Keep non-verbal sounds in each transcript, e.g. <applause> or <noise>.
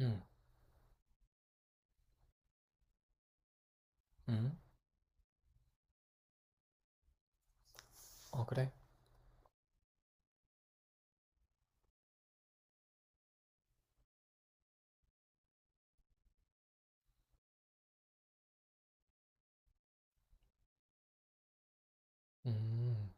음. 음. 어, 그래? 음.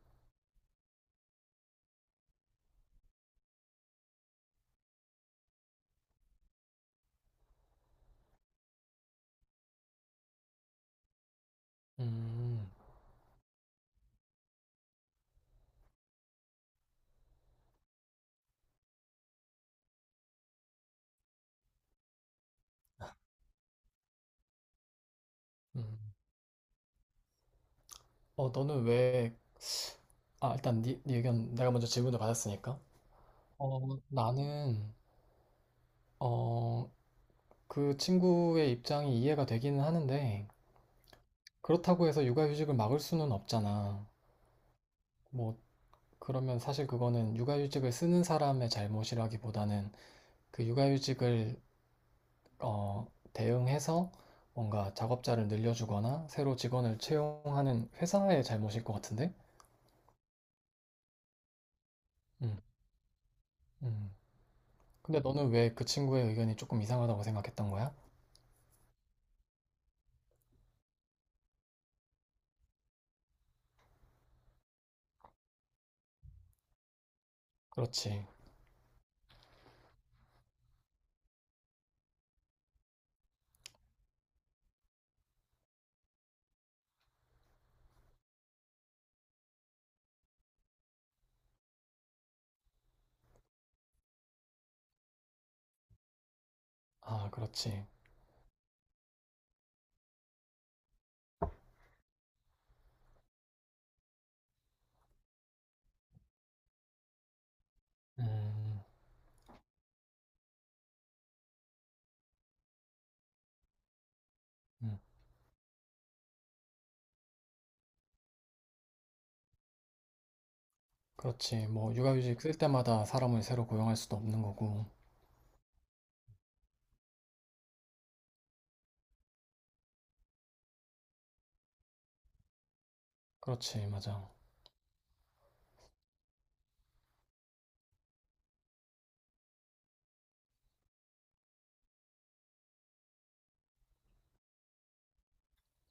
음. 음. 너는 왜, 아, 일단 네 의견, 내가 먼저 질문을 받았으니까. 어 나는, 어 그 친구의 입장이 이해가 되기는 하는데, 그렇다고 해서 육아휴직을 막을 수는 없잖아. 뭐, 그러면 사실 그거는 육아휴직을 쓰는 사람의 잘못이라기보다는 그 육아휴직을 어 대응해서 뭔가 작업자를 늘려주거나 새로 직원을 채용하는 회사의 잘못일 것 같은데? 음. 음. 근데 너는 왜 그 친구의 의견이 조금 이상하다고 생각했던 거야? 그렇지. 아, 그렇지. 음, 음. 그렇지. 뭐, 육아휴직 쓸 때마다 사람을 새로 고용할 수도 없는 거고. 그렇지, 맞아.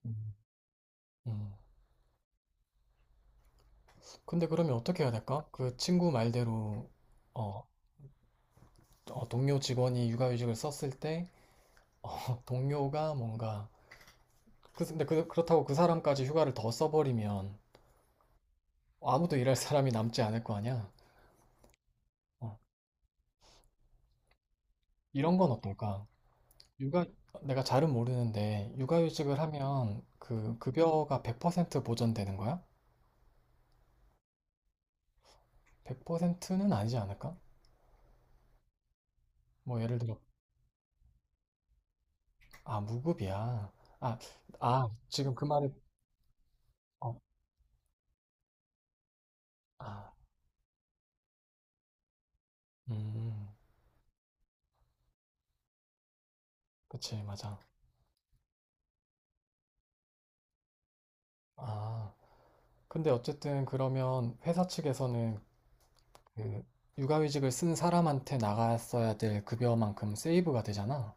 음, 음. 근데 그러면 어떻게 해야 될까? 그 친구 말대로, 어, 동료 직원이 육아휴직을 썼을 때, 어, <laughs> 동료가 뭔가, 그렇다고 그 사람까지 휴가를 더 써버리면 아무도 일할 사람이 남지 않을 거 아니야? 어, 이런 건 어떨까? 육아 내가 잘은 모르는데, 육아휴직을 하면 그 급여가 100% 보전되는 거야? 100%는 아니지 않을까? 뭐, 예를 들어. 아, 무급이야. 아, 아, 지금 그 말이. 어, 아, 음, 그치, 맞아. 아, 근데 어쨌든 그러면 회사 측에서는 그 육아휴직을 쓴 사람한테 나갔어야 될 급여만큼 세이브가 되잖아.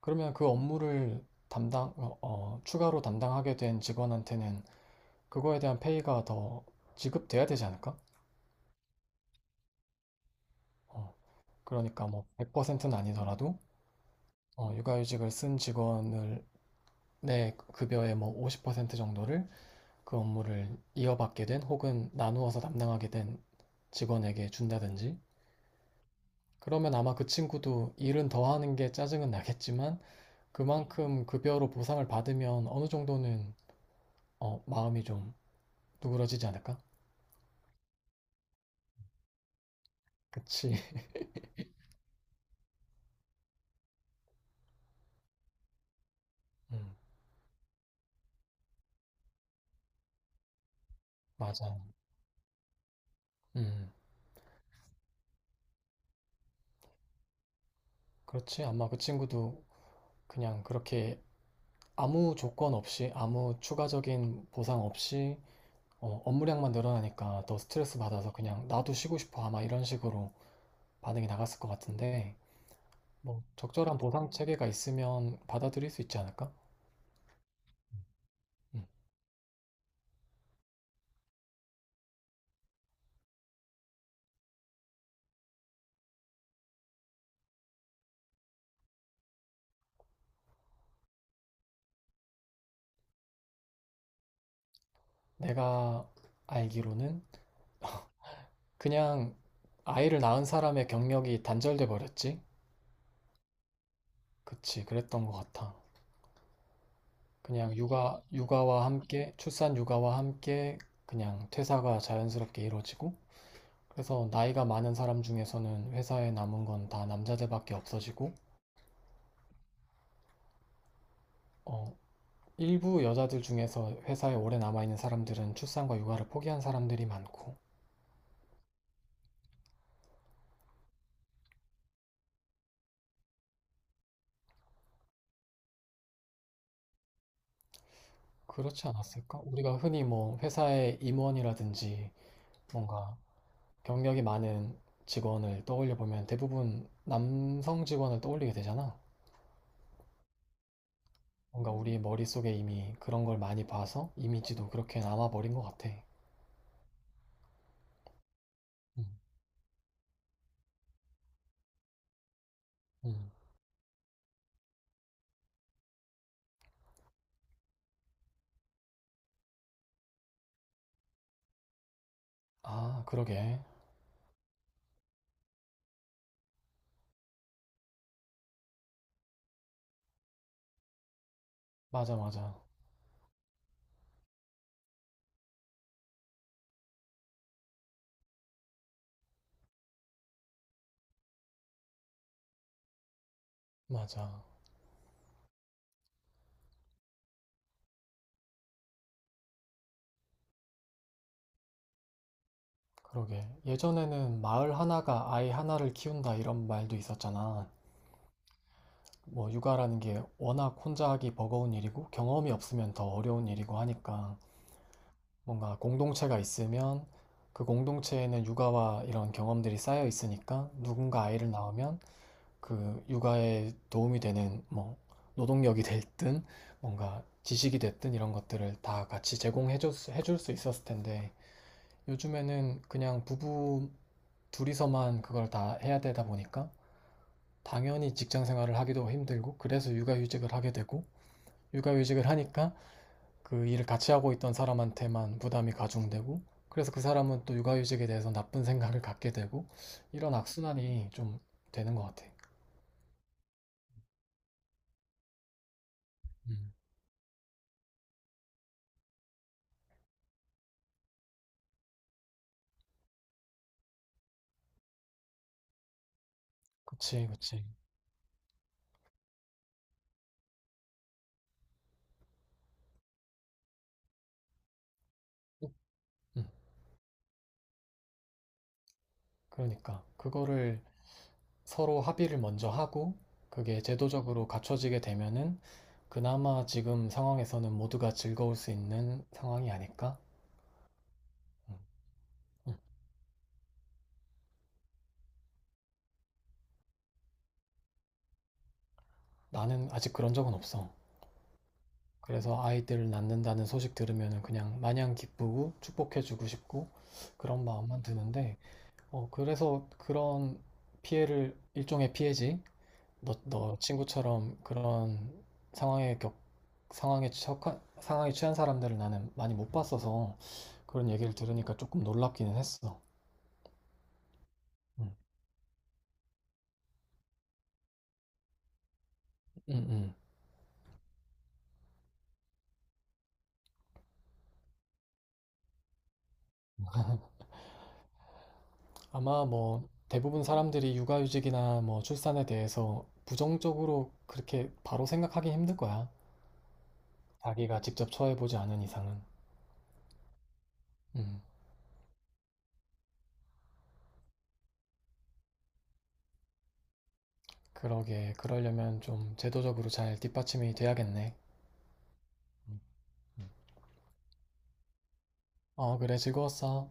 그러면 그 업무를 추가로 담당하게 된 직원한테는 그거에 대한 페이가 더 지급돼야 되지 않을까? 어, 그러니까 뭐 100%는 아니더라도 육아휴직을 쓴 직원을, 내 급여의 뭐 50% 정도를 그 업무를 이어받게 된, 혹은 나누어서 담당하게 된 직원에게 준다든지. 그러면 아마 그 친구도 일은 더 하는 게 짜증은 나겠지만, 그만큼 급여로 보상을 받으면 어느 정도는 마음이 좀 누그러지지 않을까? 그치. <laughs> 음, 맞아. 음, 그렇지. 아마 그 친구도 그냥 그렇게 아무 조건 없이, 아무 추가적인 보상 없이 업무량만 늘어나니까 더 스트레스 받아서 그냥 나도 쉬고 싶어, 아마 이런 식으로 반응이 나갔을 것 같은데, 뭐 적절한 보상 체계가 있으면 받아들일 수 있지 않을까? 음. 내가 알기로는, 그냥 아이를 낳은 사람의 경력이 단절돼 버렸지? 그치, 그랬던 것 같아. 그냥 육아와 함께, 출산 육아와 함께 그냥 퇴사가 자연스럽게 이루어지고, 그래서 나이가 많은 사람 중에서는 회사에 남은 건 다 남자들밖에 없어지고, 어, 일부 여자들 중에서 회사에 오래 남아있는 사람들은 출산과 육아를 포기한 사람들이 많고. 그렇지 않았을까? 우리가 흔히 뭐 회사의 임원이라든지 뭔가 경력이 많은 직원을 떠올려 보면 대부분 남성 직원을 떠올리게 되잖아. 뭔가 우리 머릿속에 이미 그런 걸 많이 봐서 이미지도 그렇게 남아버린 것 같아. 음, 음. 아, 그러게. 맞아, 맞아. 맞아. 그러게. 예전에는 마을 하나가 아이 하나를 키운다, 이런 말도 있었잖아. 뭐 육아라는 게 워낙 혼자 하기 버거운 일이고, 경험이 없으면 더 어려운 일이고 하니까, 뭔가 공동체가 있으면 그 공동체에는 육아와 이런 경험들이 쌓여 있으니까 누군가 아이를 낳으면 그 육아에 도움이 되는 뭐 노동력이 됐든 뭔가 지식이 됐든 이런 것들을 다 같이 제공해 줄 수 있었을 텐데, 요즘에는 그냥 부부 둘이서만 그걸 다 해야 되다 보니까 당연히 직장 생활을 하기도 힘들고, 그래서 육아휴직을 하게 되고, 육아휴직을 하니까 그 일을 같이 하고 있던 사람한테만 부담이 가중되고, 그래서 그 사람은 또 육아휴직에 대해서 나쁜 생각을 갖게 되고, 이런 악순환이 좀 되는 것 같아. 음, 그치, 그치. 음, 그러니까 그거를 서로 합의를 먼저 하고 그게 제도적으로 갖춰지게 되면은 그나마 지금 상황에서는 모두가 즐거울 수 있는 상황이 아닐까? 음, 음. 나는 아직 그런 적은 없어. 그래서 아이들을 낳는다는 소식 들으면 그냥 마냥 기쁘고 축복해주고 싶고 그런 마음만 드는데, 어, 그래서 그런 피해를, 일종의 피해지. 너 친구처럼 그런 상황에 겪, 상황에 처한, 상황에 취한 사람들을 나는 많이 못 봤어서 그런 얘기를 들으니까 조금 놀랍기는 했어. 응, 응, 응. 아마 뭐 대부분 사람들이 육아휴직이나 뭐 출산에 대해서 부정적으로 그렇게 바로 생각하기 힘들 거야. 자기가 직접 처해보지 않은 이상은. 음, 그러게. 그러려면 좀 제도적으로 잘 뒷받침이 돼야겠네. 음, 음. 어, 그래. 즐거웠어.